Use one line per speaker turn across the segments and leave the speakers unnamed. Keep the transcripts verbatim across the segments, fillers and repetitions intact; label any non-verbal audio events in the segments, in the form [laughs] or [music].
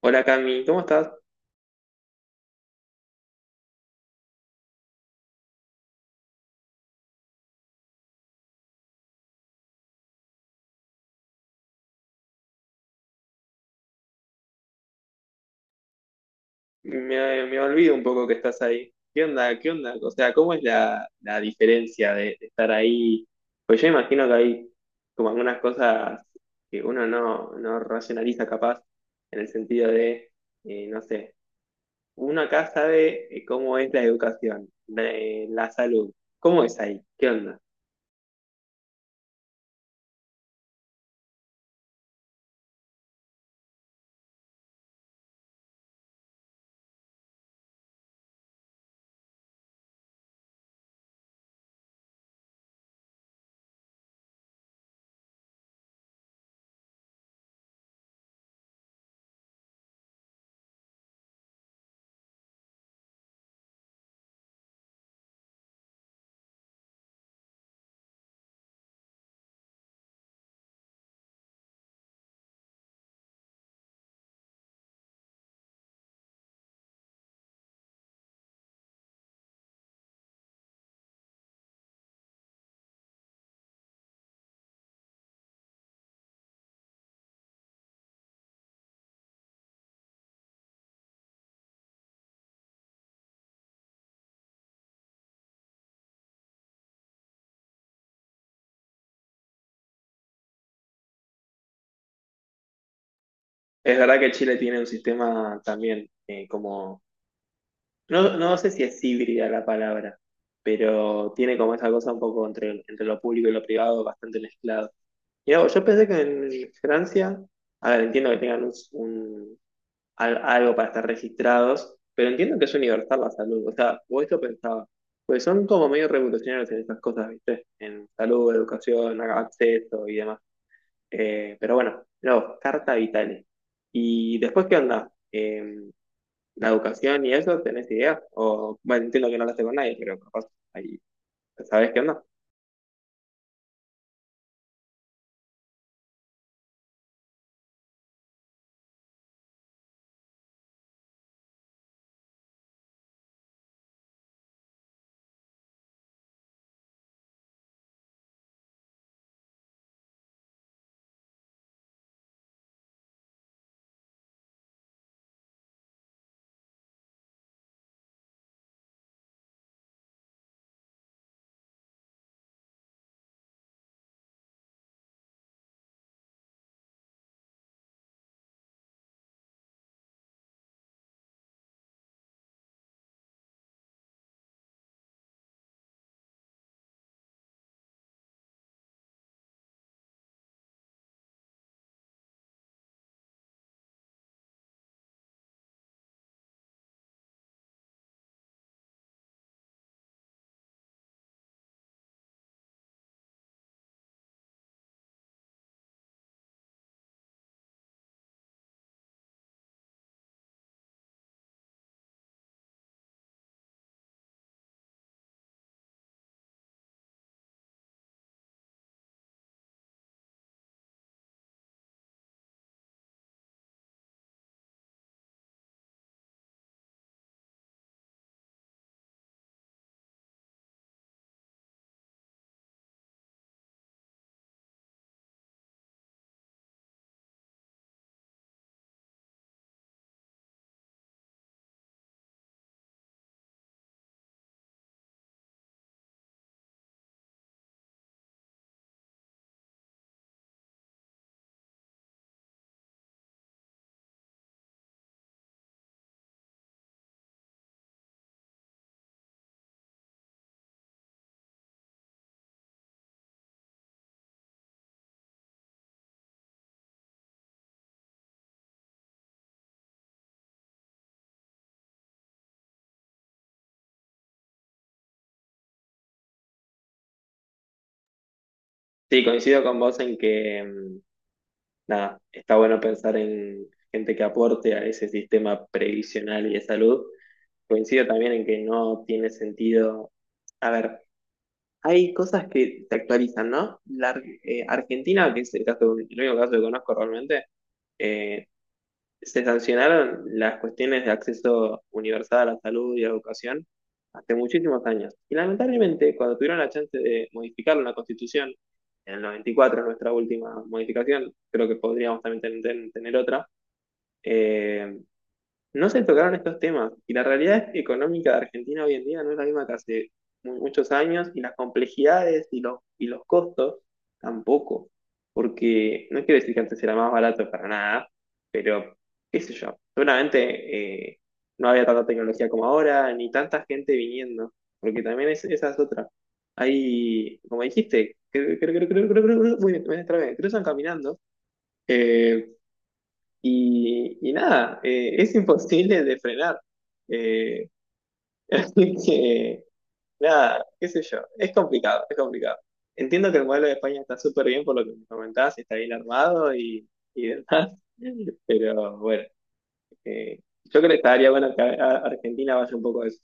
Hola Cami, ¿cómo estás? Me, me olvido un poco que estás ahí. ¿Qué onda? ¿Qué onda? O sea, ¿cómo es la, la diferencia de, de estar ahí? Pues yo imagino que hay como algunas cosas que uno no, no racionaliza capaz, en el sentido de, eh, no sé, uno acá sabe eh, cómo es la educación, la, eh, la salud. ¿Cómo es ahí? ¿Qué onda? Es verdad que Chile tiene un sistema también eh, como no, no sé si es híbrida la palabra, pero tiene como esa cosa un poco entre, entre lo público y lo privado bastante mezclado. Y yo yo pensé que en Francia, a ver, entiendo que tengan un, un- al- algo para estar registrados, pero entiendo que es universal la salud. O sea, o esto pensaba, pues son como medio revolucionarios en estas cosas, ¿viste? En salud, educación, a- acceso y demás. Eh, pero bueno, no, carta vitales. ¿Y después qué onda? Em, la educación y eso, ¿tenés idea? O, bueno, entiendo que no lo hablaste con nadie, pero capaz ahí sabés qué onda. Sí, coincido con vos en que, mm, nada, está bueno pensar en gente que aporte a ese sistema previsional y de salud. Coincido también en que no tiene sentido. A ver, hay cosas que se actualizan, ¿no? La, Ar- eh, Argentina, que es el caso, el único caso que conozco realmente, eh, se sancionaron las cuestiones de acceso universal a la salud y a la educación hace muchísimos años. Y lamentablemente, cuando tuvieron la chance de modificar una constitución, en el noventa y cuatro nuestra última modificación, creo que podríamos también ten- ten- tener otra, eh, no se tocaron estos temas y la realidad económica de Argentina hoy en día no es la misma que hace mu- muchos años y las complejidades y los, y los costos tampoco, porque no quiero decir que antes era más barato para nada, pero qué sé yo, seguramente eh, no había tanta tecnología como ahora ni tanta gente viniendo, porque también es, esa es otra. Hay, como dijiste, creo, creo, creo, creo, creo, creo, creo, muy bien, otra vez, cruzan caminando. eh, y, y nada, eh, es imposible de frenar. Eh, [laughs] así que, nada, qué sé yo, es complicado, es complicado. Entiendo que el modelo de España está súper bien por lo que me comentabas, está bien armado y, y [laughs] demás, pero bueno, eh, yo creo que estaría bueno que a- a Argentina vaya un poco a eso.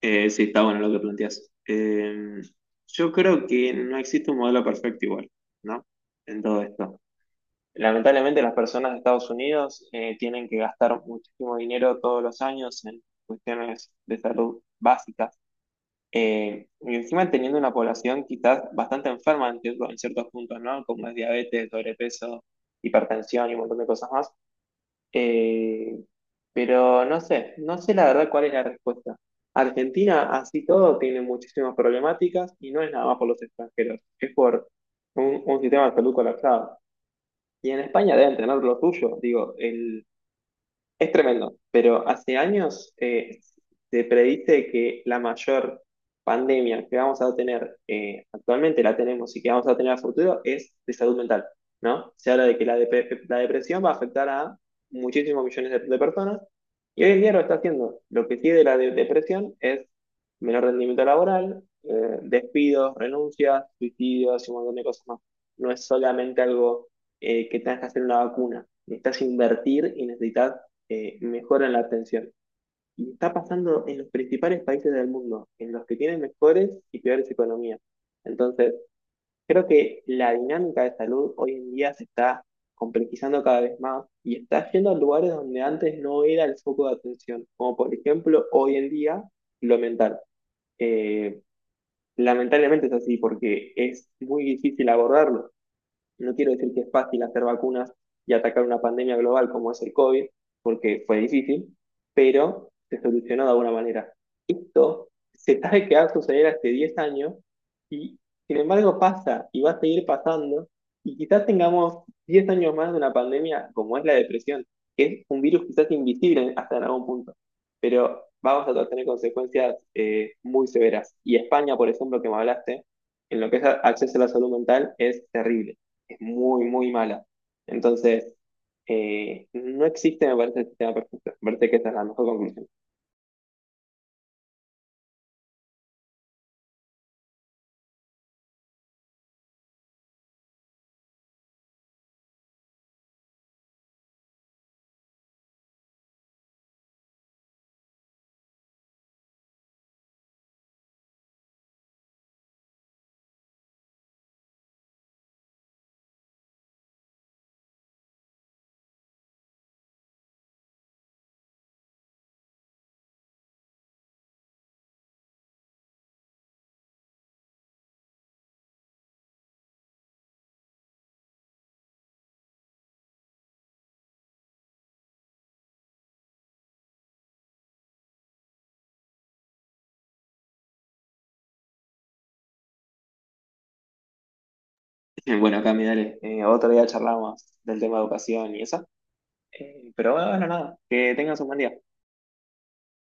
Eh, sí, está bueno lo que planteas. Eh, yo creo que no existe un modelo perfecto igual, ¿no? En todo esto. Lamentablemente las personas de Estados Unidos eh, tienen que gastar muchísimo dinero todos los años en cuestiones de salud básicas. Eh, y encima teniendo una población quizás bastante enferma en cierto- en ciertos puntos, ¿no? Como es diabetes, sobrepeso, hipertensión y un montón de cosas más. Eh, pero no sé, no sé la verdad cuál es la respuesta. Argentina, así todo, tiene muchísimas problemáticas y no es nada más por los extranjeros, es por un, un sistema de salud colapsado. Y en España deben tener lo suyo. Digo, el, es tremendo, pero hace años eh, se predice que la mayor pandemia que vamos a tener, eh, actualmente la tenemos y que vamos a tener a futuro, es de salud mental, ¿no? Se habla de que la, dep- la depresión va a afectar a muchísimos millones de, de personas y hoy en día lo está haciendo. Lo que sigue de la de- depresión es menor rendimiento laboral, eh, despidos, renuncias, suicidios y un montón de cosas más. No es solamente algo eh, que tengas que hacer una vacuna. Necesitas invertir y necesitas eh, mejoran la atención. Y está pasando en los principales países del mundo, en los que tienen mejores y peores economías. Entonces, creo que la dinámica de salud hoy en día se está complejizando cada vez más y está yendo a lugares donde antes no era el foco de atención, como por ejemplo hoy en día lo mental. Eh, Lamentablemente es así porque es muy difícil abordarlo. No quiero decir que es fácil hacer vacunas y atacar una pandemia global como es el COVID, porque fue difícil, pero se solucionó de alguna manera. Esto se sabe que va a suceder hace diez años y sin embargo pasa y va a seguir pasando y quizás tengamos diez años más de una pandemia como es la depresión, que es un virus quizás invisible hasta en algún punto, pero vamos a tener consecuencias eh, muy severas. Y España, por ejemplo, que me hablaste, en lo que es acceso a la salud mental, es terrible Es muy, muy mala. Entonces, eh, no existe, me parece, el sistema perfecto. Me parece que esa es la mejor conclusión. [laughs] Bueno, Cami, dale, eh, otro día charlamos del tema de educación y eso. Eh, pero bueno, nada, que tengas un buen día.